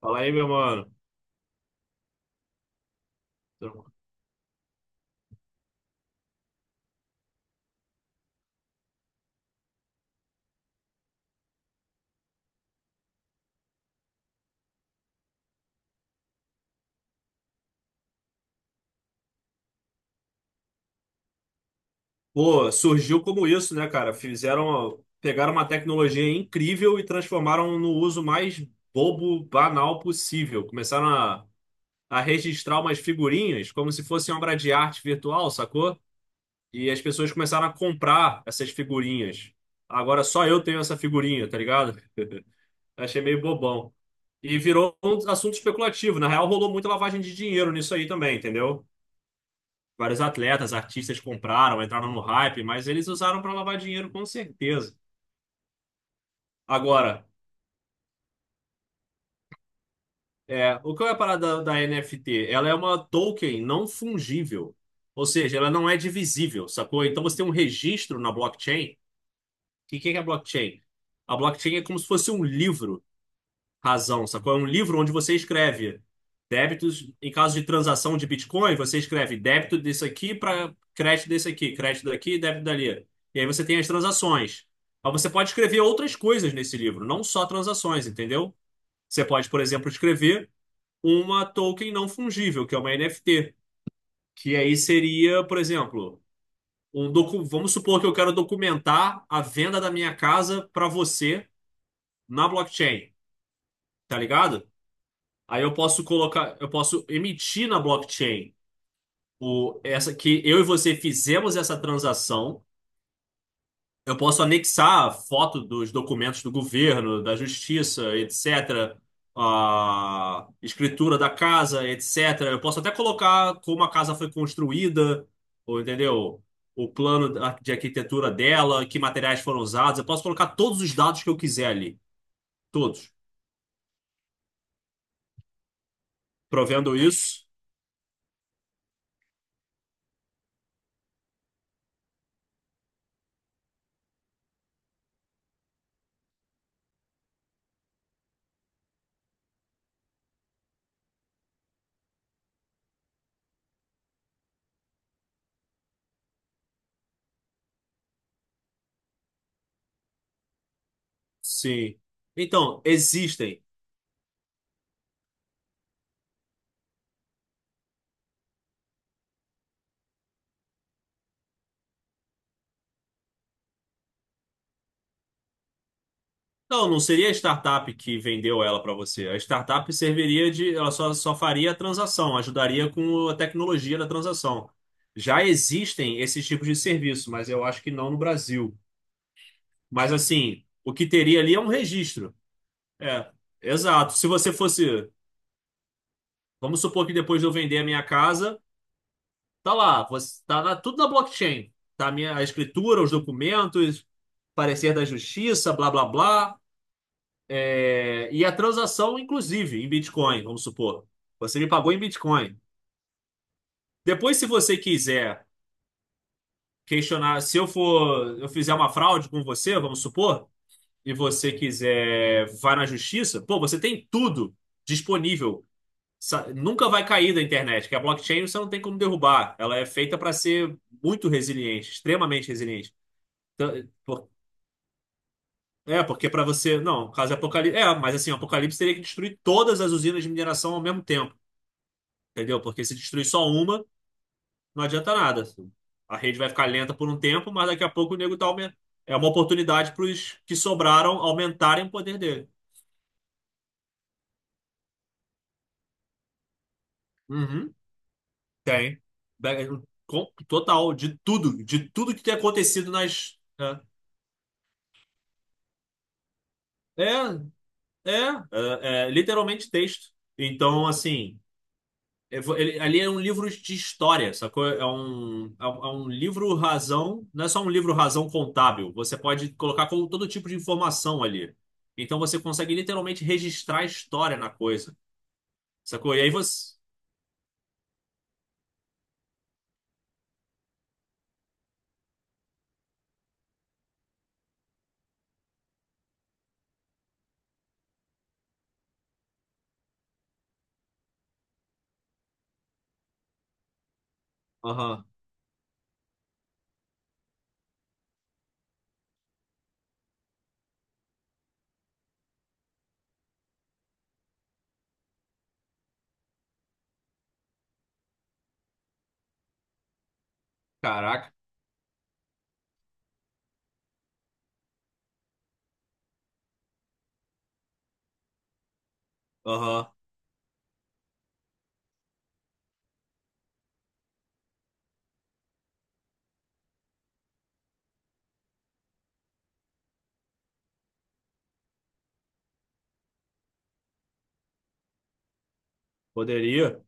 Fala aí, meu mano. Pô, surgiu como isso, né, cara? Fizeram, pegaram uma tecnologia incrível e transformaram no uso mais bobo, banal possível. Começaram a registrar umas figurinhas como se fosse uma obra de arte virtual, sacou? E as pessoas começaram a comprar essas figurinhas. Agora só eu tenho essa figurinha, tá ligado? Achei meio bobão. E virou um assunto especulativo. Na real, rolou muita lavagem de dinheiro nisso aí também, entendeu? Vários atletas, artistas compraram, entraram no hype, mas eles usaram para lavar dinheiro com certeza. Agora, o que é a parada da NFT? Ela é uma token não fungível, ou seja, ela não é divisível, sacou? Então você tem um registro na blockchain. E o que que é a blockchain? A blockchain é como se fosse um livro razão, sacou? É um livro onde você escreve débitos. Em caso de transação de Bitcoin, você escreve débito desse aqui para crédito desse aqui, crédito daqui, débito dali. E aí você tem as transações. Mas você pode escrever outras coisas nesse livro, não só transações, entendeu? Você pode, por exemplo, escrever uma token não fungível, que é uma NFT, que aí seria, por exemplo, um vamos supor que eu quero documentar a venda da minha casa para você na blockchain, tá ligado? Aí eu posso colocar, eu posso emitir na blockchain essa que eu e você fizemos essa transação. Eu posso anexar a foto dos documentos do governo, da justiça, etc. A escritura da casa, etc. Eu posso até colocar como a casa foi construída, ou entendeu? O plano de arquitetura dela, que materiais foram usados. Eu posso colocar todos os dados que eu quiser ali. Todos. Provendo isso, sim. Então, existem. Não, não seria a startup que vendeu ela para você. A startup serviria de, ela só, só faria a transação, ajudaria com a tecnologia da transação. Já existem esses tipos de serviço, mas eu acho que não no Brasil. Mas assim, o que teria ali é um registro. É, exato. Se você fosse, vamos supor que depois de eu vender a minha casa, tá lá, você, tudo na blockchain. Tá a minha a escritura, os documentos, parecer da justiça, blá blá blá. E a transação, inclusive, em Bitcoin, vamos supor. Você me pagou em Bitcoin. Depois, se você quiser questionar, se eu for, eu fizer uma fraude com você, vamos supor, e você quiser vai na justiça, pô, você tem tudo disponível. Nunca vai cair da internet, que a blockchain você não tem como derrubar. Ela é feita para ser muito resiliente, extremamente resiliente. Então, porque para você. Não, caso Apocalipse. É, mas assim, o Apocalipse teria que destruir todas as usinas de mineração ao mesmo tempo. Entendeu? Porque se destruir só uma, não adianta nada. A rede vai ficar lenta por um tempo, mas daqui a pouco o nego tá aumentando. É uma oportunidade para os que sobraram aumentarem o poder dele. Uhum, tem. Be- Total, de tudo que tem acontecido nas. É, é, é, é literalmente texto. Então, assim. Ali é um livro de história, sacou? É um livro razão, não é só um livro razão contábil. Você pode colocar com todo tipo de informação ali. Então você consegue literalmente registrar a história na coisa, sacou? E aí você. Aham, caraca, aham, poderia.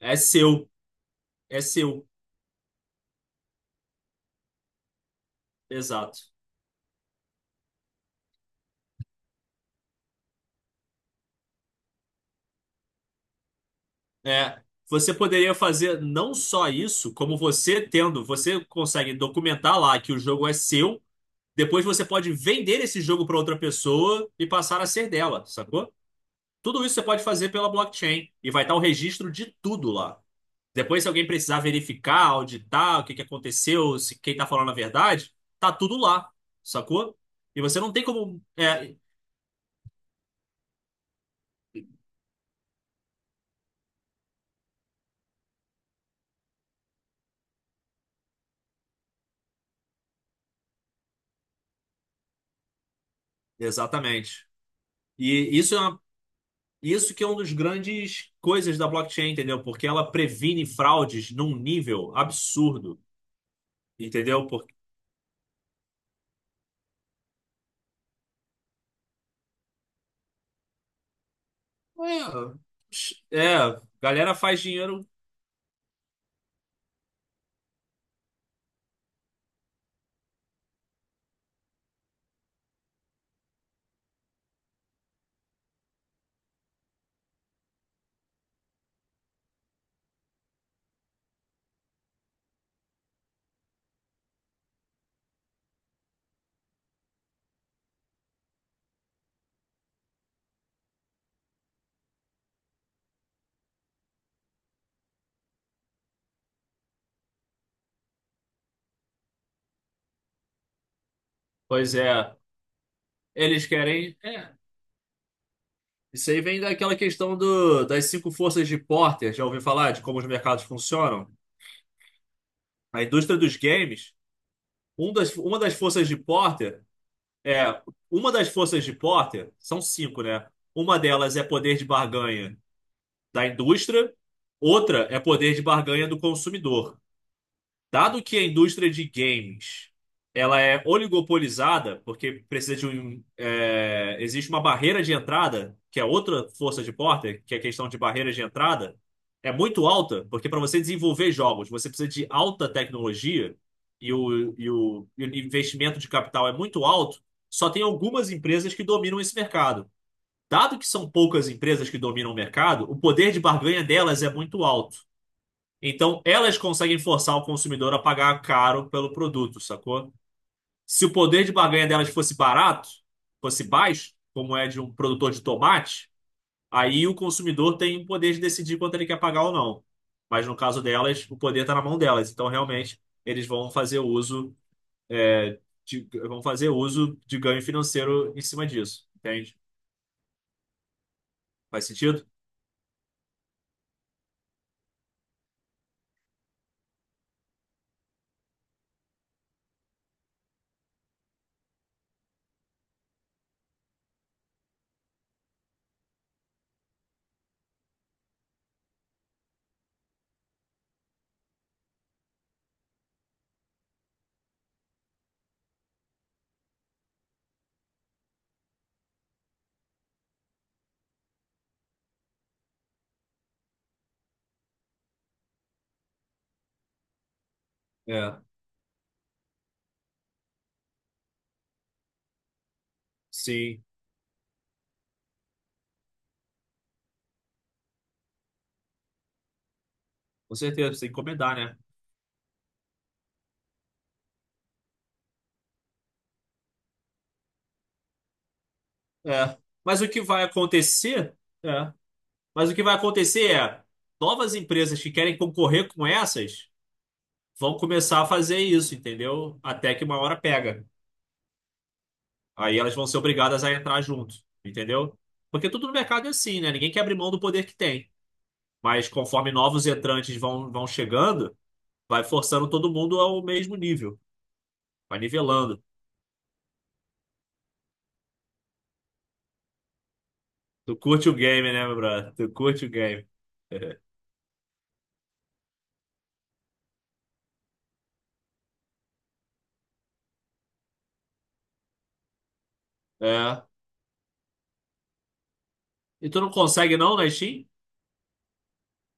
É seu, é seu, exato. É. Você poderia fazer não só isso, como você tendo, você consegue documentar lá que o jogo é seu. Depois você pode vender esse jogo para outra pessoa e passar a ser dela, sacou? Tudo isso você pode fazer pela blockchain e vai estar o registro de tudo lá. Depois, se alguém precisar verificar, auditar o que que aconteceu, se quem está falando a verdade, tá tudo lá, sacou? E você não tem como. É, exatamente. E isso é uma- isso que é uma das grandes coisas da blockchain, entendeu? Porque ela previne fraudes num nível absurdo, entendeu? Porque galera faz dinheiro. Pois é, eles querem. É, isso aí vem daquela questão do, das cinco forças de Porter. Já ouviu falar de como os mercados funcionam? A indústria dos games, um das, uma das forças de Porter é uma das forças de Porter são cinco, né? Uma delas é poder de barganha da indústria, outra é poder de barganha do consumidor. Dado que a indústria de games ela é oligopolizada, porque precisa de um, existe uma barreira de entrada, que é outra força de Porter, que é a questão de barreira de entrada, é muito alta, porque para você desenvolver jogos, você precisa de alta tecnologia e o investimento de capital é muito alto, só tem algumas empresas que dominam esse mercado. Dado que são poucas empresas que dominam o mercado, o poder de barganha delas é muito alto. Então, elas conseguem forçar o consumidor a pagar caro pelo produto, sacou? Se o poder de barganha delas fosse barato, fosse baixo, como é de um produtor de tomate, aí o consumidor tem o poder de decidir quanto ele quer pagar ou não. Mas no caso delas, o poder está na mão delas. Então, realmente, eles vão fazer uso é, vão fazer uso de ganho financeiro em cima disso, entende? Faz sentido? É, sim, com certeza, precisa encomendar, né? É. Mas o que vai acontecer? É. Mas o que vai acontecer, novas empresas que querem concorrer com essas vão começar a fazer isso, entendeu? Até que uma hora pega. Aí elas vão ser obrigadas a entrar junto, entendeu? Porque tudo no mercado é assim, né? Ninguém quer abrir mão do poder que tem. Mas conforme novos entrantes vão chegando, vai forçando todo mundo ao mesmo nível. Vai nivelando. Tu curte o game, né, meu brother? Tu curte o game. É. E tu não consegue não na Steam?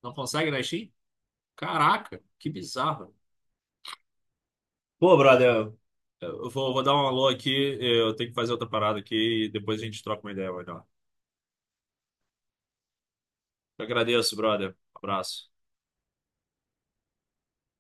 Não consegue na Steam? Caraca, que bizarro. Pô, brother, eu vou dar um alô aqui, eu tenho que fazer outra parada aqui e depois a gente troca uma ideia melhor. Eu agradeço, brother. Abraço.